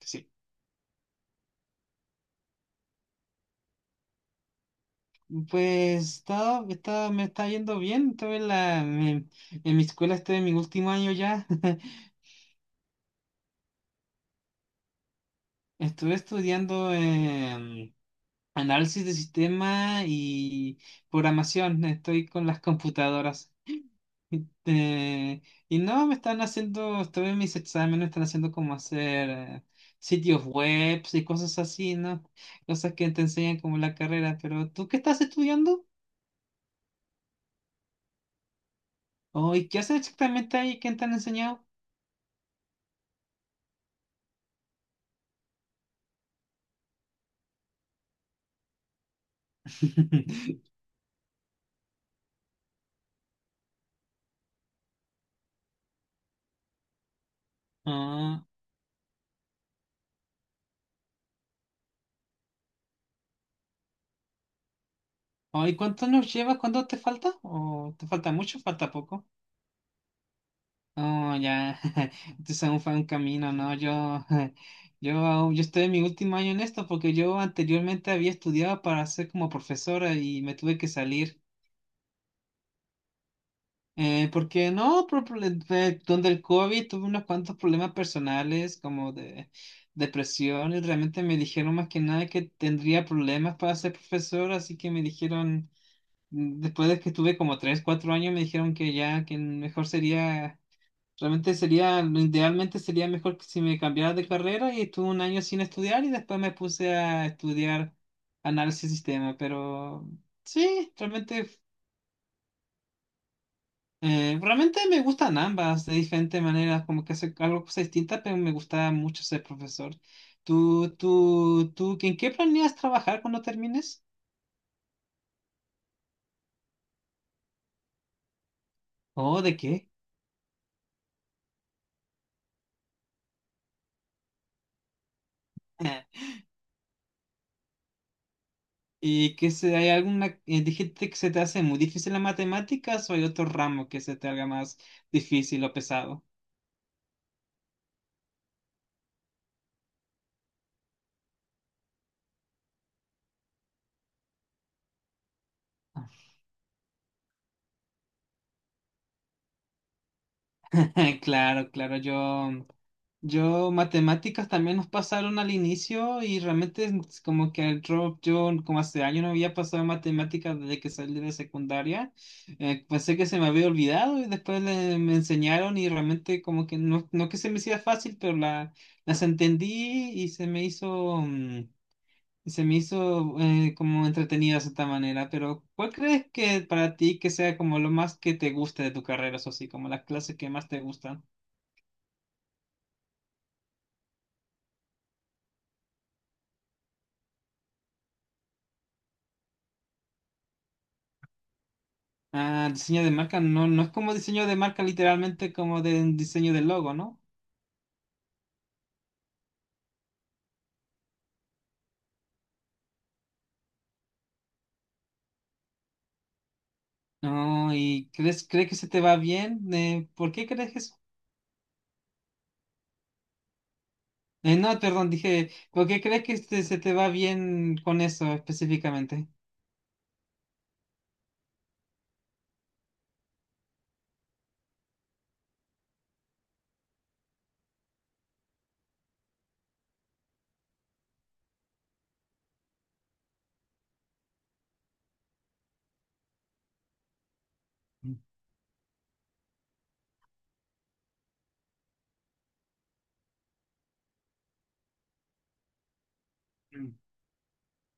Sí. Pues me está yendo bien. Estuve en mi escuela, estoy en mi último año ya. Estuve estudiando análisis de sistema y programación. Estoy con las computadoras. Y, eh, no, me están haciendo, estoy en mis exámenes, me están haciendo como hacer sitios webs y cosas así, ¿no? Cosas que te enseñan como la carrera. Pero ¿tú qué estás estudiando? Oh, ¿y qué haces exactamente ahí? ¿Qué te han enseñado? Ah, ay, ¿cuánto nos llevas? ¿Cuánto te falta? ¿O te falta mucho? ¿Falta poco? Oh, ya. Entonces aún fue un camino, ¿no? Yo, yo estoy en mi último año en esto porque yo anteriormente había estudiado para ser como profesora y me tuve que salir. Porque no, donde el COVID tuve unos cuantos problemas personales como de depresión y realmente me dijeron más que nada que tendría problemas para ser profesora, así que me dijeron. Mm, después de que estuve como 3 4 años, me dijeron que ya, que mejor sería, realmente sería, idealmente sería mejor que si me cambiara de carrera y estuve un año sin estudiar y después me puse a estudiar análisis de sistema, pero sí, realmente, realmente me gustan ambas de diferentes maneras, como que hace algo cosas distintas, pero me gusta mucho ser profesor. ¿Tú, en qué planeas trabajar cuando termines? ¿O de qué? ¿Y hay alguna, dijiste que se te hace muy difícil las matemáticas o hay otro ramo que se te haga más difícil o pesado? Claro, claro, yo matemáticas también nos pasaron al inicio y realmente es como que el drop, yo como hace años no había pasado matemáticas desde que salí de secundaria, pensé que se me había olvidado y después me enseñaron y realmente como que no, no que se me hacía fácil, pero las entendí y se me hizo. Se me hizo como entretenido de cierta manera, pero ¿cuál crees que para ti que sea como lo más que te guste de tu carrera, eso sí, como las clases que más te gustan? Ah, diseño de marca, no, no es como diseño de marca literalmente como de un diseño del logo, ¿no? No, ¿y crees que se te va bien? ¿Por qué crees que eso? No, perdón, dije, ¿por qué crees que se te va bien con eso específicamente?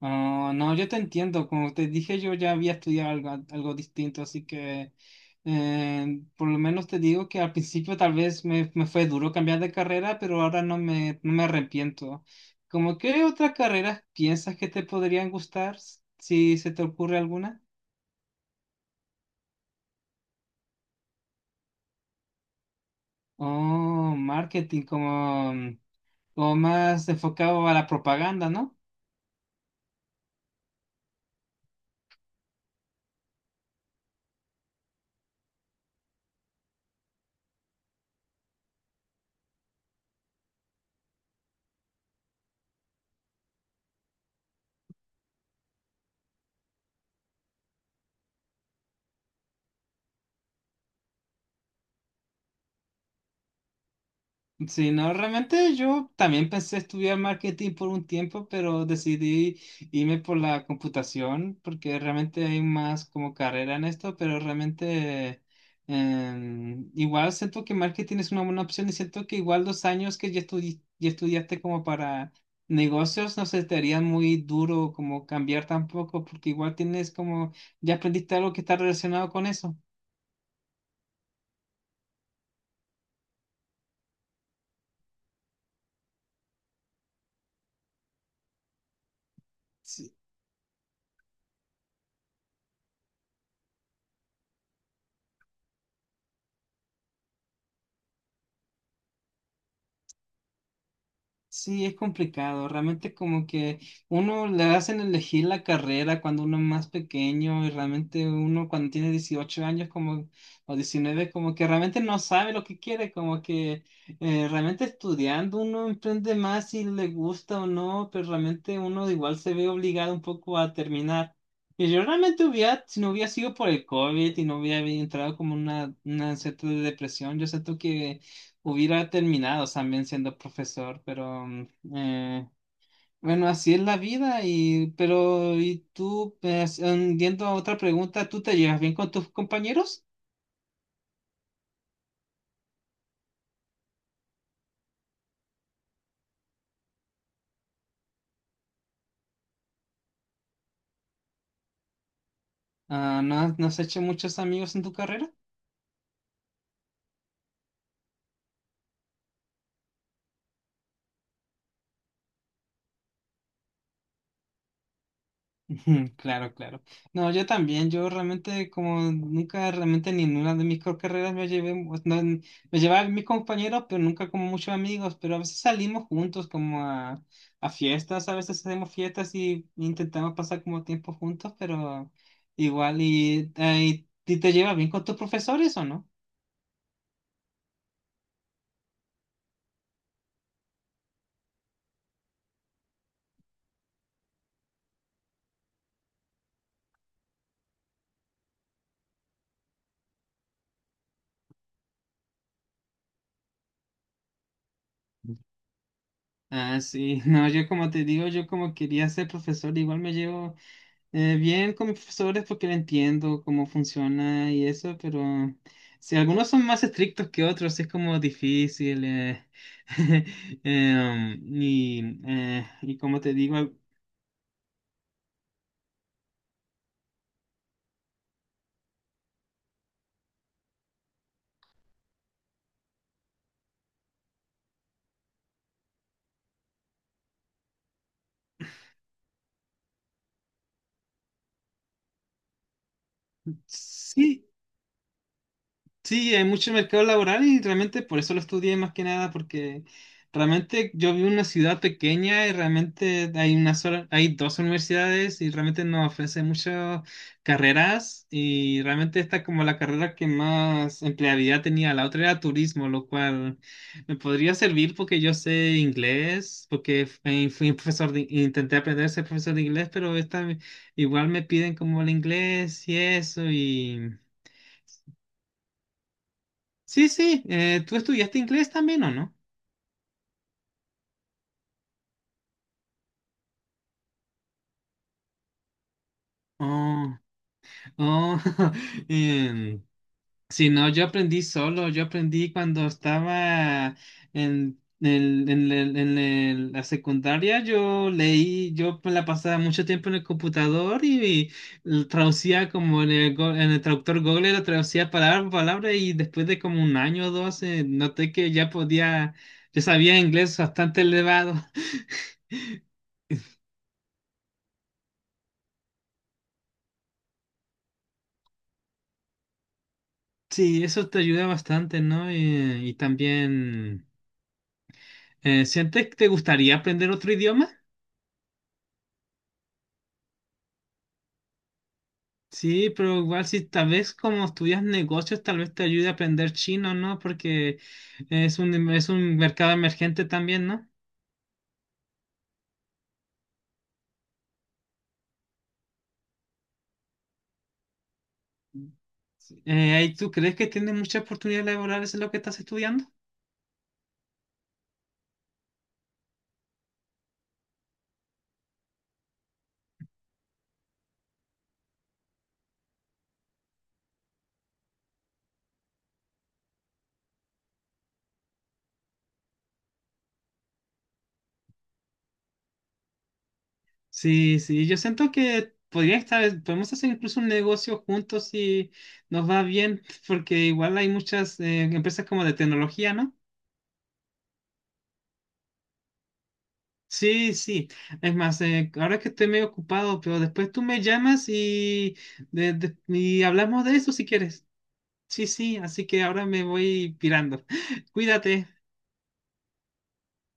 Ah, no, yo te entiendo, como te dije, yo ya había estudiado algo, algo distinto, así que por lo menos te digo que al principio tal vez me fue duro cambiar de carrera, pero ahora no no me arrepiento. ¿Cómo qué otras carreras piensas que te podrían gustar, si se te ocurre alguna? Oh, marketing, como más enfocado a la propaganda, ¿no? Sí, no, realmente yo también pensé estudiar marketing por un tiempo, pero decidí irme por la computación porque realmente hay más como carrera en esto, pero realmente igual siento que marketing es una buena opción y siento que igual los años que ya estudiaste como para negocios no se te haría muy duro como cambiar tampoco porque igual tienes como ya aprendiste algo que está relacionado con eso. Sí, es complicado. Realmente como que uno le hacen elegir la carrera cuando uno es más pequeño y realmente uno cuando tiene 18 años como o 19 como que realmente no sabe lo que quiere, como que realmente estudiando uno emprende más si le gusta o no, pero realmente uno igual se ve obligado un poco a terminar. Y yo realmente hubiera, si no hubiera sido por el COVID y no hubiera entrado como una cierta depresión, yo siento que hubiera terminado también siendo profesor, pero eh, bueno, así es la vida. Y pero y tú, yendo a otra pregunta, ¿tú te llevas bien con tus compañeros? Ah, ¿no no has hecho muchos amigos en tu carrera? Ujú. Claro, claro. No, yo también, yo realmente como nunca realmente ni en una de mis carreras me llevé, pues, no, n- me llevaba mis compañeros, pero nunca como muchos amigos, pero a veces salimos juntos como a fiestas, a veces hacemos fiestas y intentamos pasar como tiempo juntos, pero igual y, ay, ¿y te llevas bien con tus profesores o no? Ah, sí, no, yo como te digo, yo como quería ser profesor, igual me llevo bien con mis profesores porque lo entiendo cómo funciona y eso, pero si algunos son más estrictos que otros, es como difícil. Y como te digo, sí. Sí, hay mucho mercado laboral y realmente por eso lo estudié más que nada, porque realmente yo vivo en una ciudad pequeña y realmente hay dos universidades y realmente nos ofrecen muchas carreras y realmente esta como la carrera que más empleabilidad tenía, la otra era turismo, lo cual me podría servir porque yo sé inglés, porque fui profesor intenté aprender a ser profesor de inglés, pero esta igual me piden como el inglés y eso. Sí, sí, ¿tú estudiaste inglés también o no? Oh, oh, em, sí, no, yo aprendí solo, yo aprendí cuando estaba en la secundaria, yo leí, yo me la pasaba mucho tiempo en el computador y traducía como en en el traductor Google, lo traducía palabra por palabra y después de como un año o dos, noté que ya podía, yo sabía inglés bastante elevado. Sí, eso te ayuda bastante, ¿no? Y también, ¿sientes que te gustaría aprender otro idioma? Sí, pero igual si tal vez como estudias negocios, tal vez te ayude a aprender chino, ¿no? Porque es es un mercado emergente también, ¿no? ¿Y tú crees que tienes muchas oportunidades laborales en lo que estás estudiando? Sí, sí, yo siento que podría estar, podemos hacer incluso un negocio juntos si nos va bien, porque igual hay muchas empresas como de tecnología, ¿no? Sí, sí. Es más, ahora que estoy medio ocupado, pero después tú me llamas y, y hablamos de eso si quieres. Sí, sí, así que ahora me voy pirando. Cuídate.